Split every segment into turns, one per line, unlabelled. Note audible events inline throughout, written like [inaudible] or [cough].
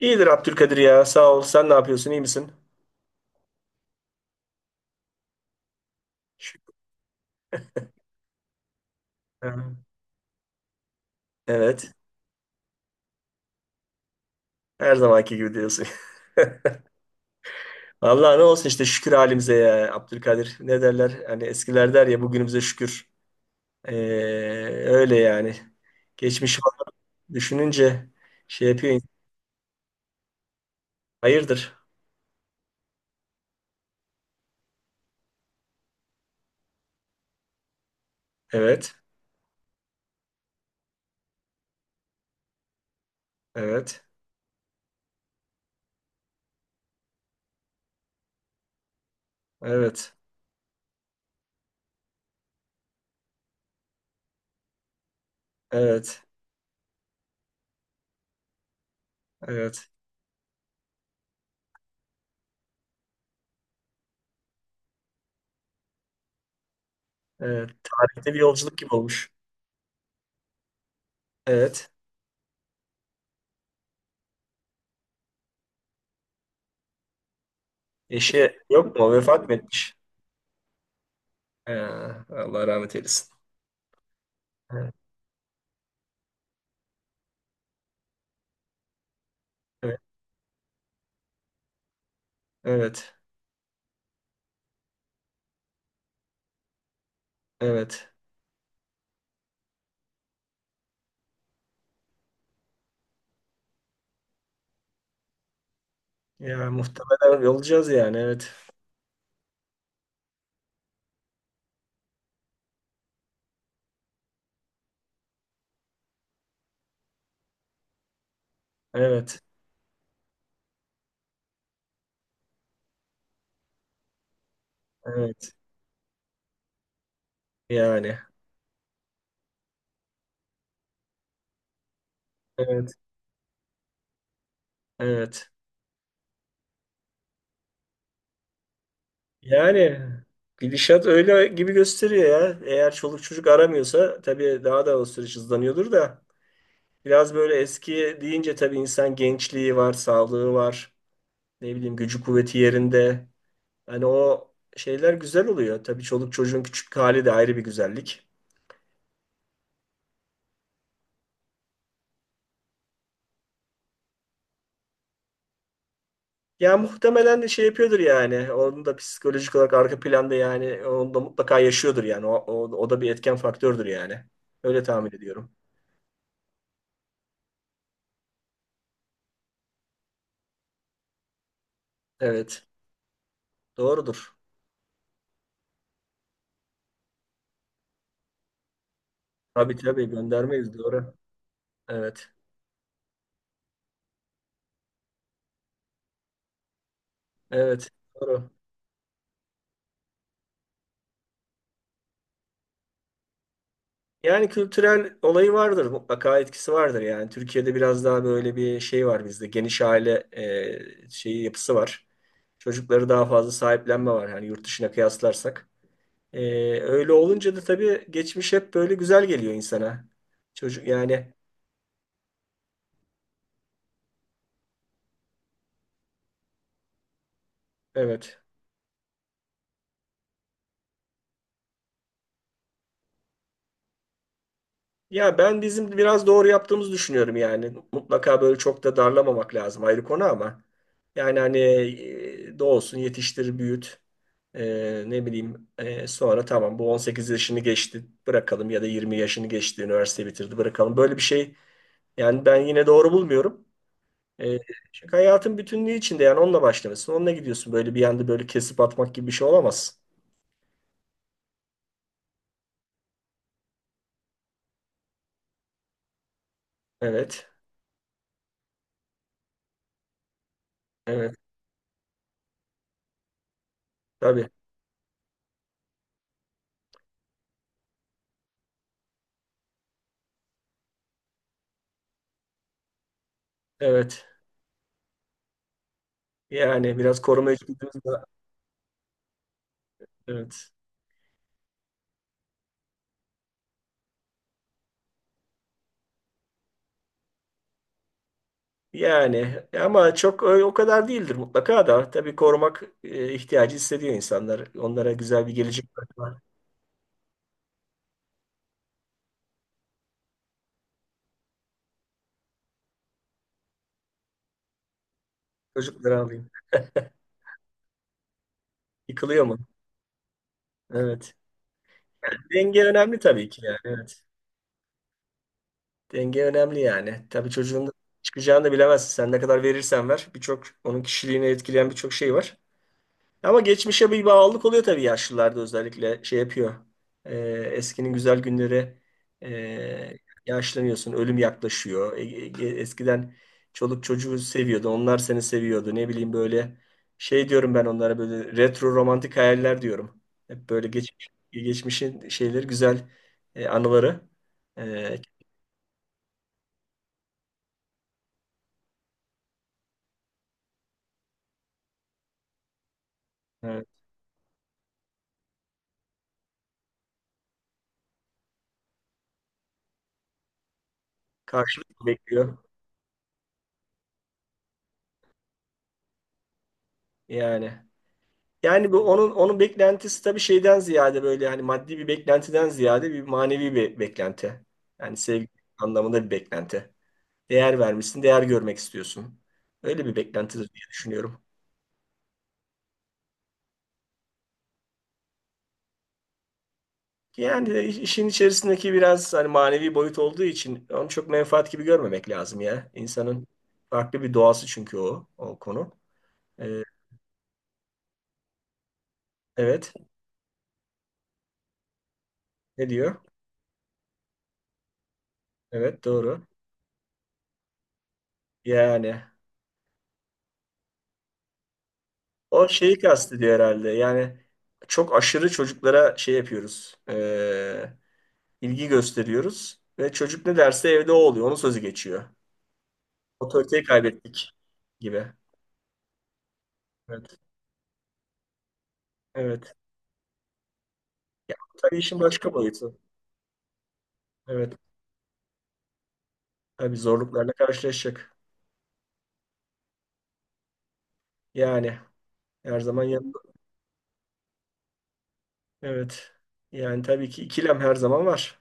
İyidir Abdülkadir ya. Sağ ol. Sen ne yapıyorsun? İyi misin? Şükür. Evet. Her zamanki gibi diyorsun. [laughs] Vallahi ne olsun işte şükür halimize ya Abdülkadir. Ne derler? Hani eskiler der ya bugünümüze şükür. Ee, Öyle yani. Geçmiş var. Düşününce şey yapıyor. İnsan. Hayırdır? Evet. Evet. Evet. Evet. Evet. Evet. Tarihte bir yolculuk gibi olmuş. Evet. Eşi yok mu? Vefat mı etmiş? Ee, Allah rahmet eylesin. Evet. Evet. Evet. Evet. Ya muhtemelen olacağız yani. Evet. Evet. Evet. Yani. Evet. Evet. Yani gidişat öyle gibi gösteriyor ya. Eğer çoluk çocuk aramıyorsa tabii daha da o süreç hızlanıyordur da. Biraz böyle eski deyince tabii insan gençliği var, sağlığı var. Ne bileyim gücü kuvveti yerinde. Hani o şeyler güzel oluyor. Tabii çoluk çocuğun küçük hali de ayrı bir güzellik. Ya muhtemelen de şey yapıyordur yani. Onun da psikolojik olarak arka planda yani onu da mutlaka yaşıyordur yani. O da bir etken faktördür yani. Öyle tahmin ediyorum. Evet. Doğrudur. Tabii göndermeyiz doğru. Evet. Evet. Doğru. Yani kültürel olayı vardır. Mutlaka etkisi vardır yani. Türkiye'de biraz daha böyle bir şey var bizde. Geniş aile şeyi yapısı var. Çocukları daha fazla sahiplenme var. Yani yurt dışına kıyaslarsak. Öyle olunca da tabii geçmiş hep böyle güzel geliyor insana. Çocuk yani evet. Ya ben bizim biraz doğru yaptığımızı düşünüyorum yani. Mutlaka böyle çok da darlamamak lazım ayrı konu ama. Yani hani doğsun yetiştir büyüt. Ne bileyim sonra tamam bu 18 yaşını geçti bırakalım ya da 20 yaşını geçti üniversite bitirdi bırakalım. Böyle bir şey yani ben yine doğru bulmuyorum. E, Çünkü hayatın bütünlüğü içinde yani onunla başlamışsın. Onunla gidiyorsun. Böyle bir anda böyle kesip atmak gibi bir şey olamaz. Evet. Evet. Tabii. Evet. Yani biraz koruma içgüdümüz de. Evet. Yani ama çok o kadar değildir mutlaka da. Tabii korumak ihtiyacı hissediyor insanlar. Onlara güzel bir gelecek var. Çocukları alayım. Yıkılıyor mu? Evet. Yani denge önemli tabii ki yani. Evet. Denge önemli yani. Tabii çocuğun çıkacağını da bilemezsin. Sen ne kadar verirsen ver. Birçok onun kişiliğini etkileyen birçok şey var. Ama geçmişe bir bağlılık oluyor tabii yaşlılarda özellikle şey yapıyor. Ee, Eskinin güzel günleri ee, yaşlanıyorsun, ölüm yaklaşıyor. Eskiden çoluk çocuğu seviyordun, onlar seni seviyordu. Ne bileyim böyle şey diyorum ben onlara böyle retro romantik hayaller diyorum. Hep böyle geçmiş, geçmişin şeyleri güzel anıları e, e, karşılık bekliyor yani. Yani bu onun beklentisi tabii şeyden ziyade böyle hani maddi bir beklentiden ziyade bir manevi bir beklenti. Yani sevgi anlamında bir beklenti. Değer vermişsin, değer görmek istiyorsun. Öyle bir beklentidir diye düşünüyorum. Yani de işin içerisindeki biraz hani manevi boyut olduğu için onu çok menfaat gibi görmemek lazım ya. İnsanın farklı bir doğası çünkü o konu. Ee, evet. Ne diyor? Evet doğru. Yani o şeyi kastediyor herhalde. Yani çok aşırı çocuklara şey yapıyoruz. İlgi gösteriyoruz. Ve çocuk ne derse evde o oluyor. Onun sözü geçiyor. Otoriteyi kaybettik gibi. Evet. Evet. Ya, bu tabii işin başka boyutu. Evet. Tabii zorluklarla karşılaşacak. Yani her zaman yanında. Evet. Yani tabii ki ikilem her zaman var.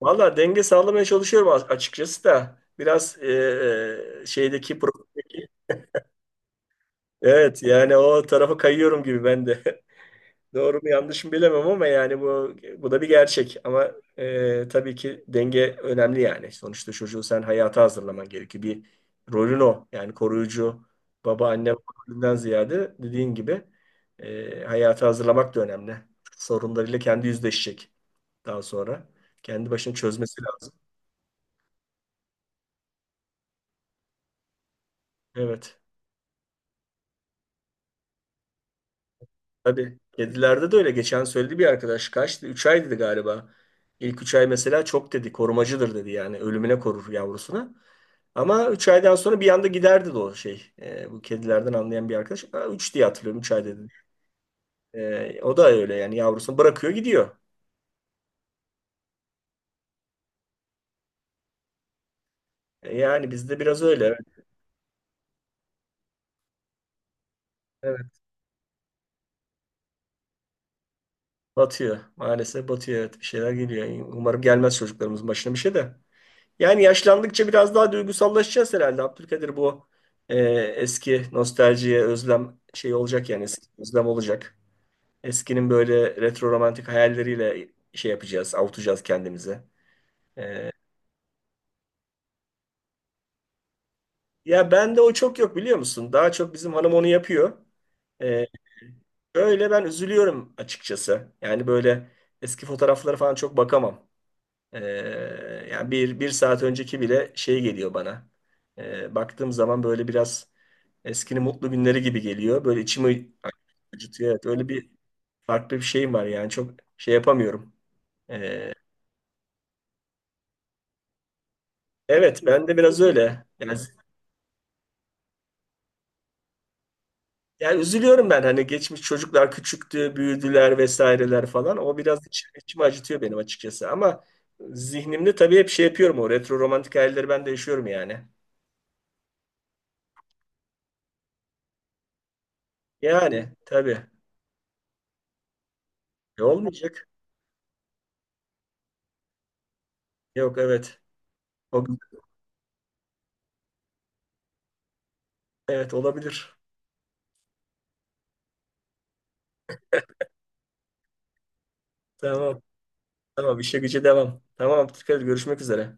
Valla denge sağlamaya çalışıyorum açıkçası da. Biraz şeydeki profildeki evet yani o tarafa kayıyorum gibi ben de. [laughs] Doğru mu yanlış mı bilemem ama yani bu da bir gerçek. Ama tabii ki denge önemli yani. Sonuçta çocuğu sen hayata hazırlaman gerekiyor. Bir rolün o. Yani koruyucu baba anne rolünden ziyade dediğin gibi hayata hazırlamak da önemli. Sorunlarıyla kendi yüzleşecek daha sonra. Kendi başına çözmesi lazım. Evet. Tabii. Kedilerde de öyle. Geçen söyledi bir arkadaş. Kaçtı? 3 ay dedi galiba. İlk 3 ay mesela çok dedi. Korumacıdır dedi yani. Ölümüne korur yavrusunu. Ama 3 aydan sonra bir anda giderdi de o şey. Bu kedilerden anlayan bir arkadaş. Aa, 3 diye hatırlıyorum. 3 ay dedi. O da öyle yani. Yavrusunu bırakıyor gidiyor. Yani bizde biraz öyle. Evet. Evet. Batıyor. Maalesef batıyor. Evet. Bir şeyler geliyor. Umarım gelmez çocuklarımızın başına bir şey de. Yani yaşlandıkça biraz daha duygusallaşacağız herhalde. Abdülkadir bu e, eski nostaljiye özlem şey olacak yani eski özlem olacak. Eskinin böyle retro romantik hayalleriyle şey yapacağız, avutacağız kendimize. E, Ya bende o çok yok biliyor musun? Daha çok bizim hanım onu yapıyor. E, Öyle ben üzülüyorum açıkçası. Yani böyle eski fotoğraflara falan çok bakamam. Ee, Yani bir saat önceki bile şey geliyor bana. Baktığım zaman böyle biraz eskinin mutlu günleri gibi geliyor. Böyle içimi acıtıyor. Evet, öyle bir farklı bir şeyim var yani çok şey yapamıyorum. Ee, evet ben de biraz öyle. Yani üzülüyorum ben hani geçmiş çocuklar küçüktü, büyüdüler vesaireler falan. O biraz içimi acıtıyor benim açıkçası. Ama zihnimde tabii hep şey yapıyorum o retro romantik hayalleri ben de yaşıyorum yani. Yani tabii olmayacak. Yok evet. O- Evet olabilir. Tamam. Tamam işe güce devam. Tamam dikkat et, görüşmek üzere.